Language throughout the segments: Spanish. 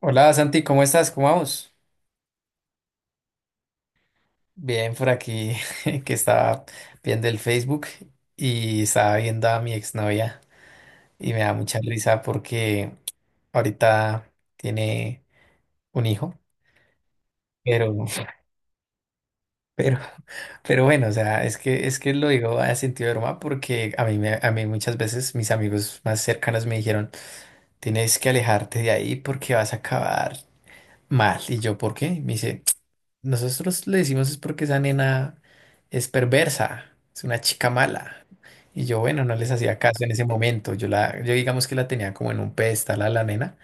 Hola Santi, ¿cómo estás? ¿Cómo vamos? Bien, por aquí que estaba viendo el Facebook y estaba viendo a mi exnovia y me da mucha risa porque ahorita tiene un hijo, pero, pero, pero bueno, o sea, es que lo digo a sentido de broma porque a mí, a mí muchas veces mis amigos más cercanos me dijeron, tienes que alejarte de ahí porque vas a acabar mal. Y yo, ¿por qué? Me dice. Nosotros le decimos es porque esa nena es perversa, es una chica mala. Y yo, bueno, no les hacía caso en ese momento. Yo digamos que la tenía como en un pedestal a la nena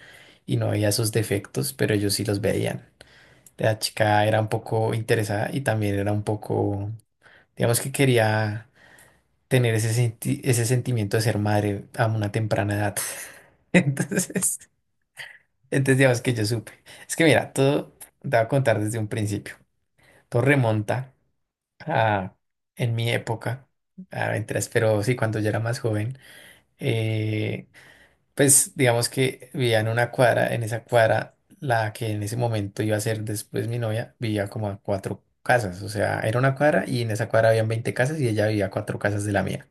y no veía sus defectos, pero ellos sí los veían. La chica era un poco interesada y también era un poco, digamos que quería tener ese sentimiento de ser madre a una temprana edad. Entonces, digamos que yo supe. Es que mira, todo te voy a contar desde un principio. Todo remonta. ah, en mi época, mientras, pero sí, cuando yo era más joven, eh, pues digamos que vivía en una cuadra, en esa cuadra, la que en ese momento iba a ser después mi novia, vivía como a cuatro casas, o sea, era una cuadra y en esa cuadra habían 20 casas y ella vivía a cuatro casas de la mía.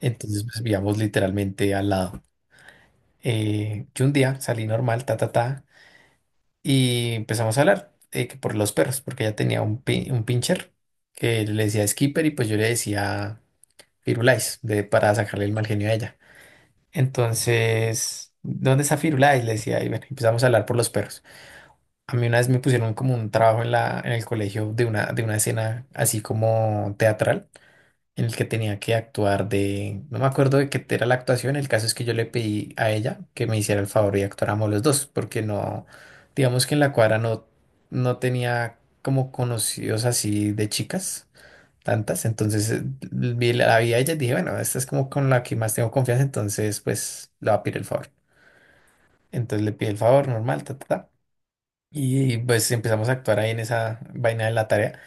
Entonces, pues vivíamos literalmente al lado. Yo un día salí normal, ta, ta, ta, y empezamos a hablar que por los perros, porque ella tenía un pincher que le decía Skipper y pues yo le decía... Firulais para sacarle el mal genio a ella. Entonces, ¿dónde está Firulais? Le decía, y bueno, empezamos a hablar por los perros. A mí una vez me pusieron como un trabajo en en el colegio de una escena así como teatral, en el que tenía que actuar no me acuerdo de qué era la actuación, el caso es que yo le pedí a ella que me hiciera el favor y actuáramos los dos, porque no, digamos que en la cuadra no tenía como conocidos así de chicas tantas. Entonces vi la la vi a ella y dije, bueno, esta es como con la que más tengo confianza, entonces pues le voy a pedir el favor. Entonces le pide el favor normal, ta, ta, ta. Y pues empezamos a actuar ahí en esa vaina de la tarea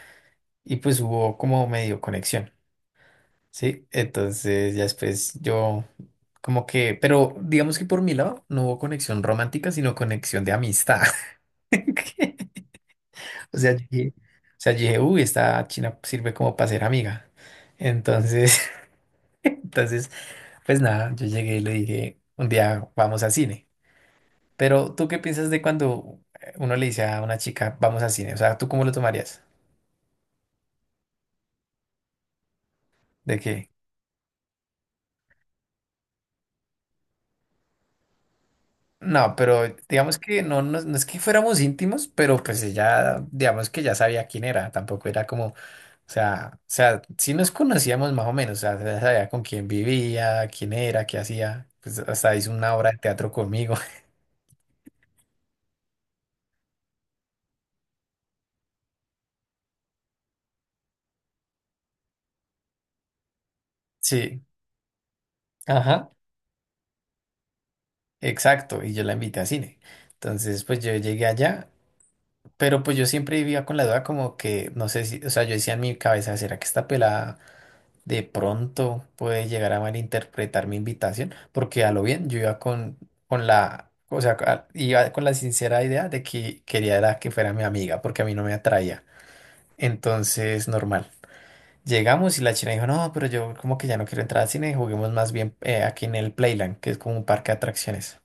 y pues hubo como medio conexión, ¿sí? Entonces ya después yo como que, pero digamos que por mi lado no hubo conexión romántica, sino conexión de amistad. O sea, yo dije, o sea, yo dije, uy, esta china sirve como para ser amiga. Entonces... Entonces, pues nada, yo llegué y le dije, un día vamos a cine. Pero ¿tú qué piensas de cuando uno le dice a una chica, vamos a cine? O sea, ¿tú cómo lo tomarías? ¿De qué? No, pero digamos que no, no es que fuéramos íntimos, pero pues ella, digamos que ya sabía quién era, tampoco era como, o sea, sí nos conocíamos más o menos, o sea, ya sabía con quién vivía, quién era, qué hacía, pues hasta hizo una obra de teatro conmigo. Sí, ajá. Exacto, y yo la invité a cine. Entonces, pues yo llegué allá, pero pues yo siempre vivía con la duda como que, no sé si, o sea, yo decía en mi cabeza, ¿será que esta pelada de pronto puede llegar a malinterpretar mi invitación? Porque a lo bien, yo iba con la, o sea, iba con la sincera idea de que quería era que fuera mi amiga, porque a mí no me atraía. Entonces, normal. Llegamos y la china dijo, no, pero yo como que ya no quiero entrar al cine, juguemos más bien aquí en el Playland, que es como un parque de atracciones.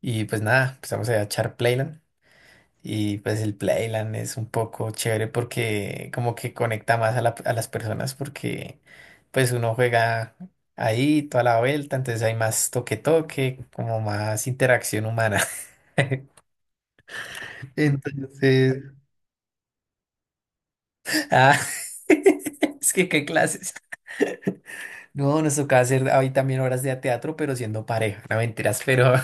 Y pues nada, empezamos a echar Playland. Y pues el Playland es un poco chévere porque como que conecta más a las personas porque pues uno juega ahí toda la vuelta, entonces hay más toque toque, como más interacción humana. Entonces, ah, es que qué clases. No, nos tocaba hacer ahí también horas de teatro, pero siendo pareja, no mentiras, pero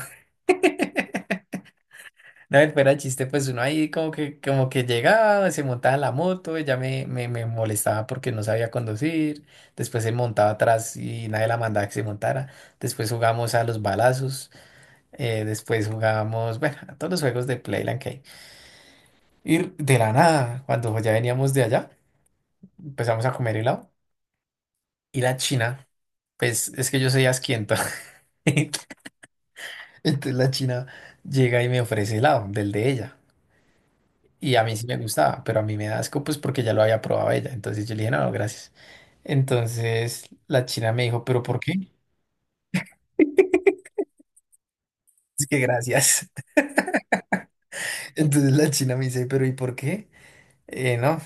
no, y fuera de chiste, pues uno ahí como que llegaba, se montaba en la moto, ella me molestaba porque no sabía conducir, después se montaba atrás y nadie la mandaba que se montara, después jugamos a los balazos, después jugamos, bueno, a todos los juegos de Playland que hay. Y de la nada, cuando ya veníamos de allá, empezamos a comer helado y la china, pues es que yo soy asquiento, entonces la china llega y me ofrece helado del de ella. Y a mí sí me gustaba, pero a mí me da asco pues porque ya lo había probado ella. Entonces yo le dije, no, no, gracias. Entonces la china me dijo, ¿pero por qué? Es que gracias. Entonces la china me dice, ¿pero y por qué? "Eh, no,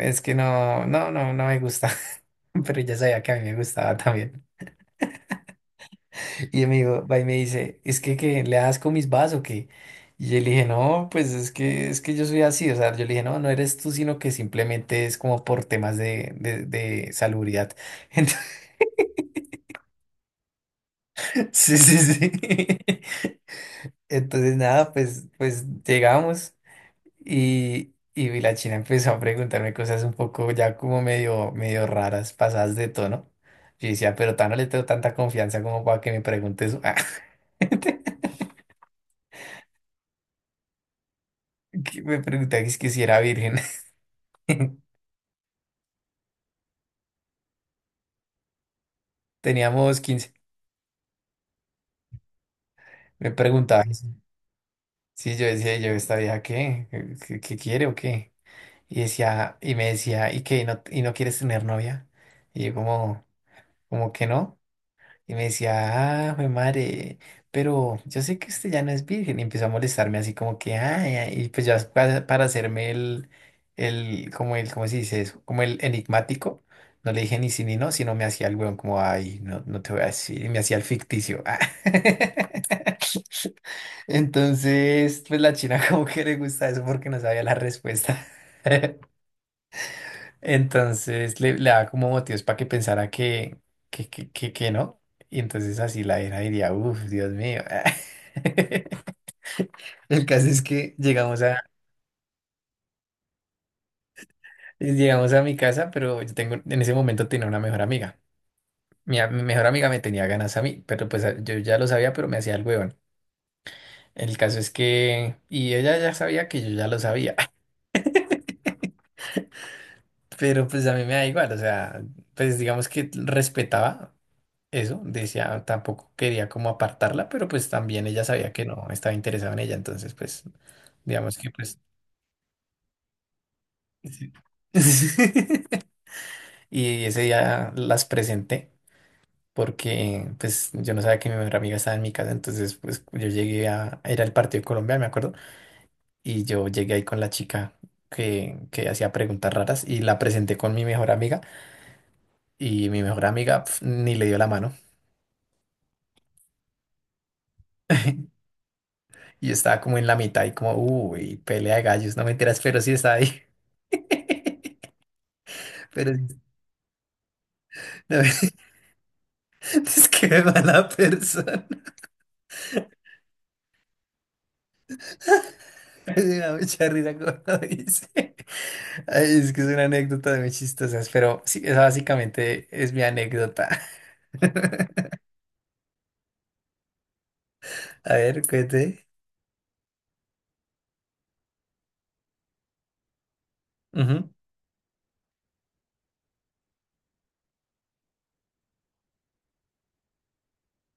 es que no, no me gusta. Pero ella sabía que a mí me gustaba también. Y me dijo, va y me dice, ¿es que le das con mis vas o qué? Y yo le dije, no, pues es que yo soy así. O sea, yo le dije, no, no eres tú, sino que simplemente es como por temas de salubridad. Sí, sí, sí. Entonces, nada, pues llegamos y la china empezó a preguntarme cosas un poco ya como medio, medio raras, pasadas de tono. Yo decía, pero tan no le tengo tanta confianza como para que me pregunte eso. Ah, que me preguntaba que es que si era virgen. Teníamos 15, me preguntaba eso. Sí, yo decía, yo, ¿esta vieja qué? ¿Qué quiere o qué? Y me decía, ¿y qué? ¿Y no quieres tener novia? Y yo como, como que no. Y me decía, ah, jue madre, pero yo sé que usted ya no es virgen. Y empezó a molestarme así como que, ay, ay, y pues ya para hacerme como el, ¿cómo se dice eso? Como el enigmático. No le dije ni sí ni no, sino me hacía el weón como, ay, no, no te voy a decir. Y me hacía el ficticio. Ah. Entonces, pues la china como que le gusta eso porque no sabía la respuesta. Entonces le daba como motivos para que pensara que, que no. Y entonces así la era diría, uff, Dios mío. El caso es que llegamos a, mi casa, pero en ese momento tenía una mejor amiga. Mi mejor amiga me tenía ganas a mí, pero pues yo ya lo sabía, pero me hacía el huevón. El caso es que, y ella ya sabía que yo ya lo sabía, pero pues a mí me da igual, o sea, pues digamos que respetaba eso, decía, tampoco quería como apartarla, pero pues también ella sabía que no estaba interesado en ella, entonces pues digamos que pues sí. Y ese día las presenté porque pues yo no sabía que mi mejor amiga estaba en mi casa, entonces pues era el partido de Colombia, me acuerdo, y yo llegué ahí con la chica que hacía preguntas raras y la presenté con mi mejor amiga y mi mejor amiga pf, ni le dio la mano. Y yo estaba como en la mitad y como, uy, pelea de gallos, no me enteras, pero sí está ahí. Pero sí- no, es que es mala persona. Me da mucha risa cuando lo dice. Ay, es que es una anécdota de muy chistosas, pero sí, esa básicamente es mi anécdota. A ver, cuente. Ujú,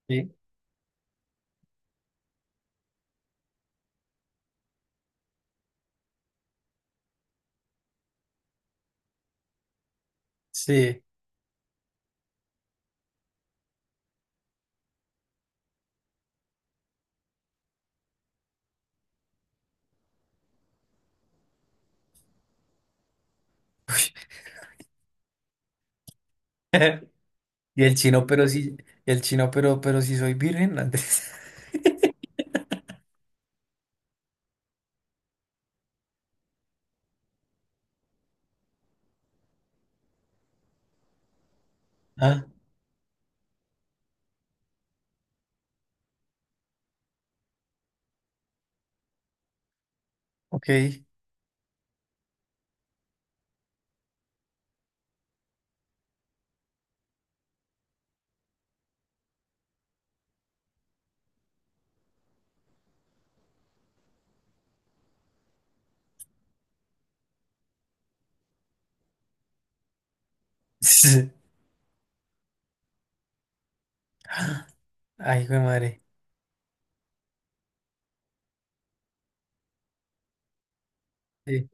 sí. Sí. Y el chino, pero sí, y el chino, pero sí soy virgen antes. Ah, ok. Ay, hijo de madre. Sí,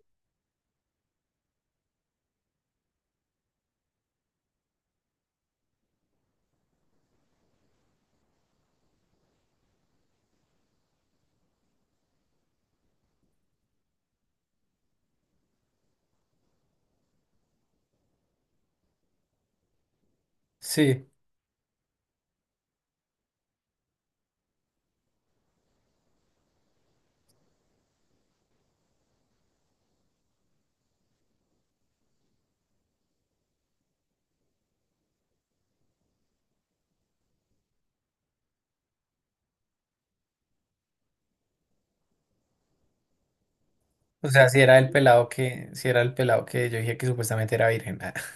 sí. O sea, si era el pelado que, si era el pelado que yo dije que supuestamente era virgen. Ah,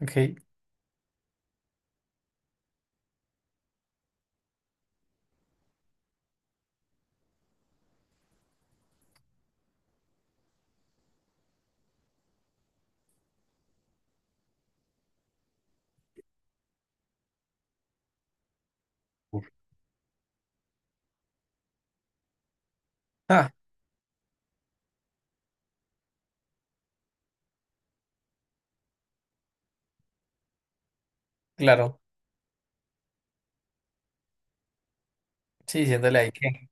ok. Uf. Ah, claro. Sí, diciéndole ahí que.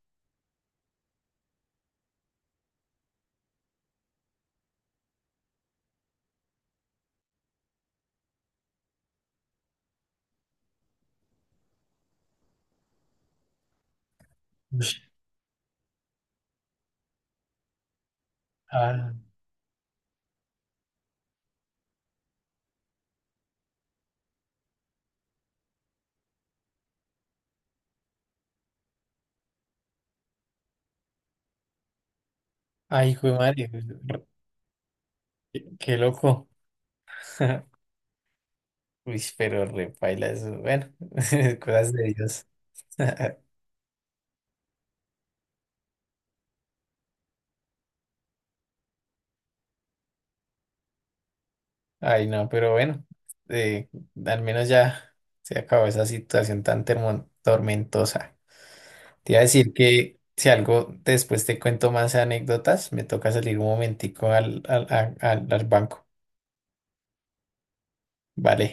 Ush, ah, ay, jue madre. Qué loco. Uy, pero repaila eso. Bueno, cosas de Dios. Ay, no, pero bueno. eh, al menos ya se acabó esa situación tan tormentosa. Te iba a decir que si algo después te cuento más anécdotas, me toca salir un momentico al, al banco. Vale.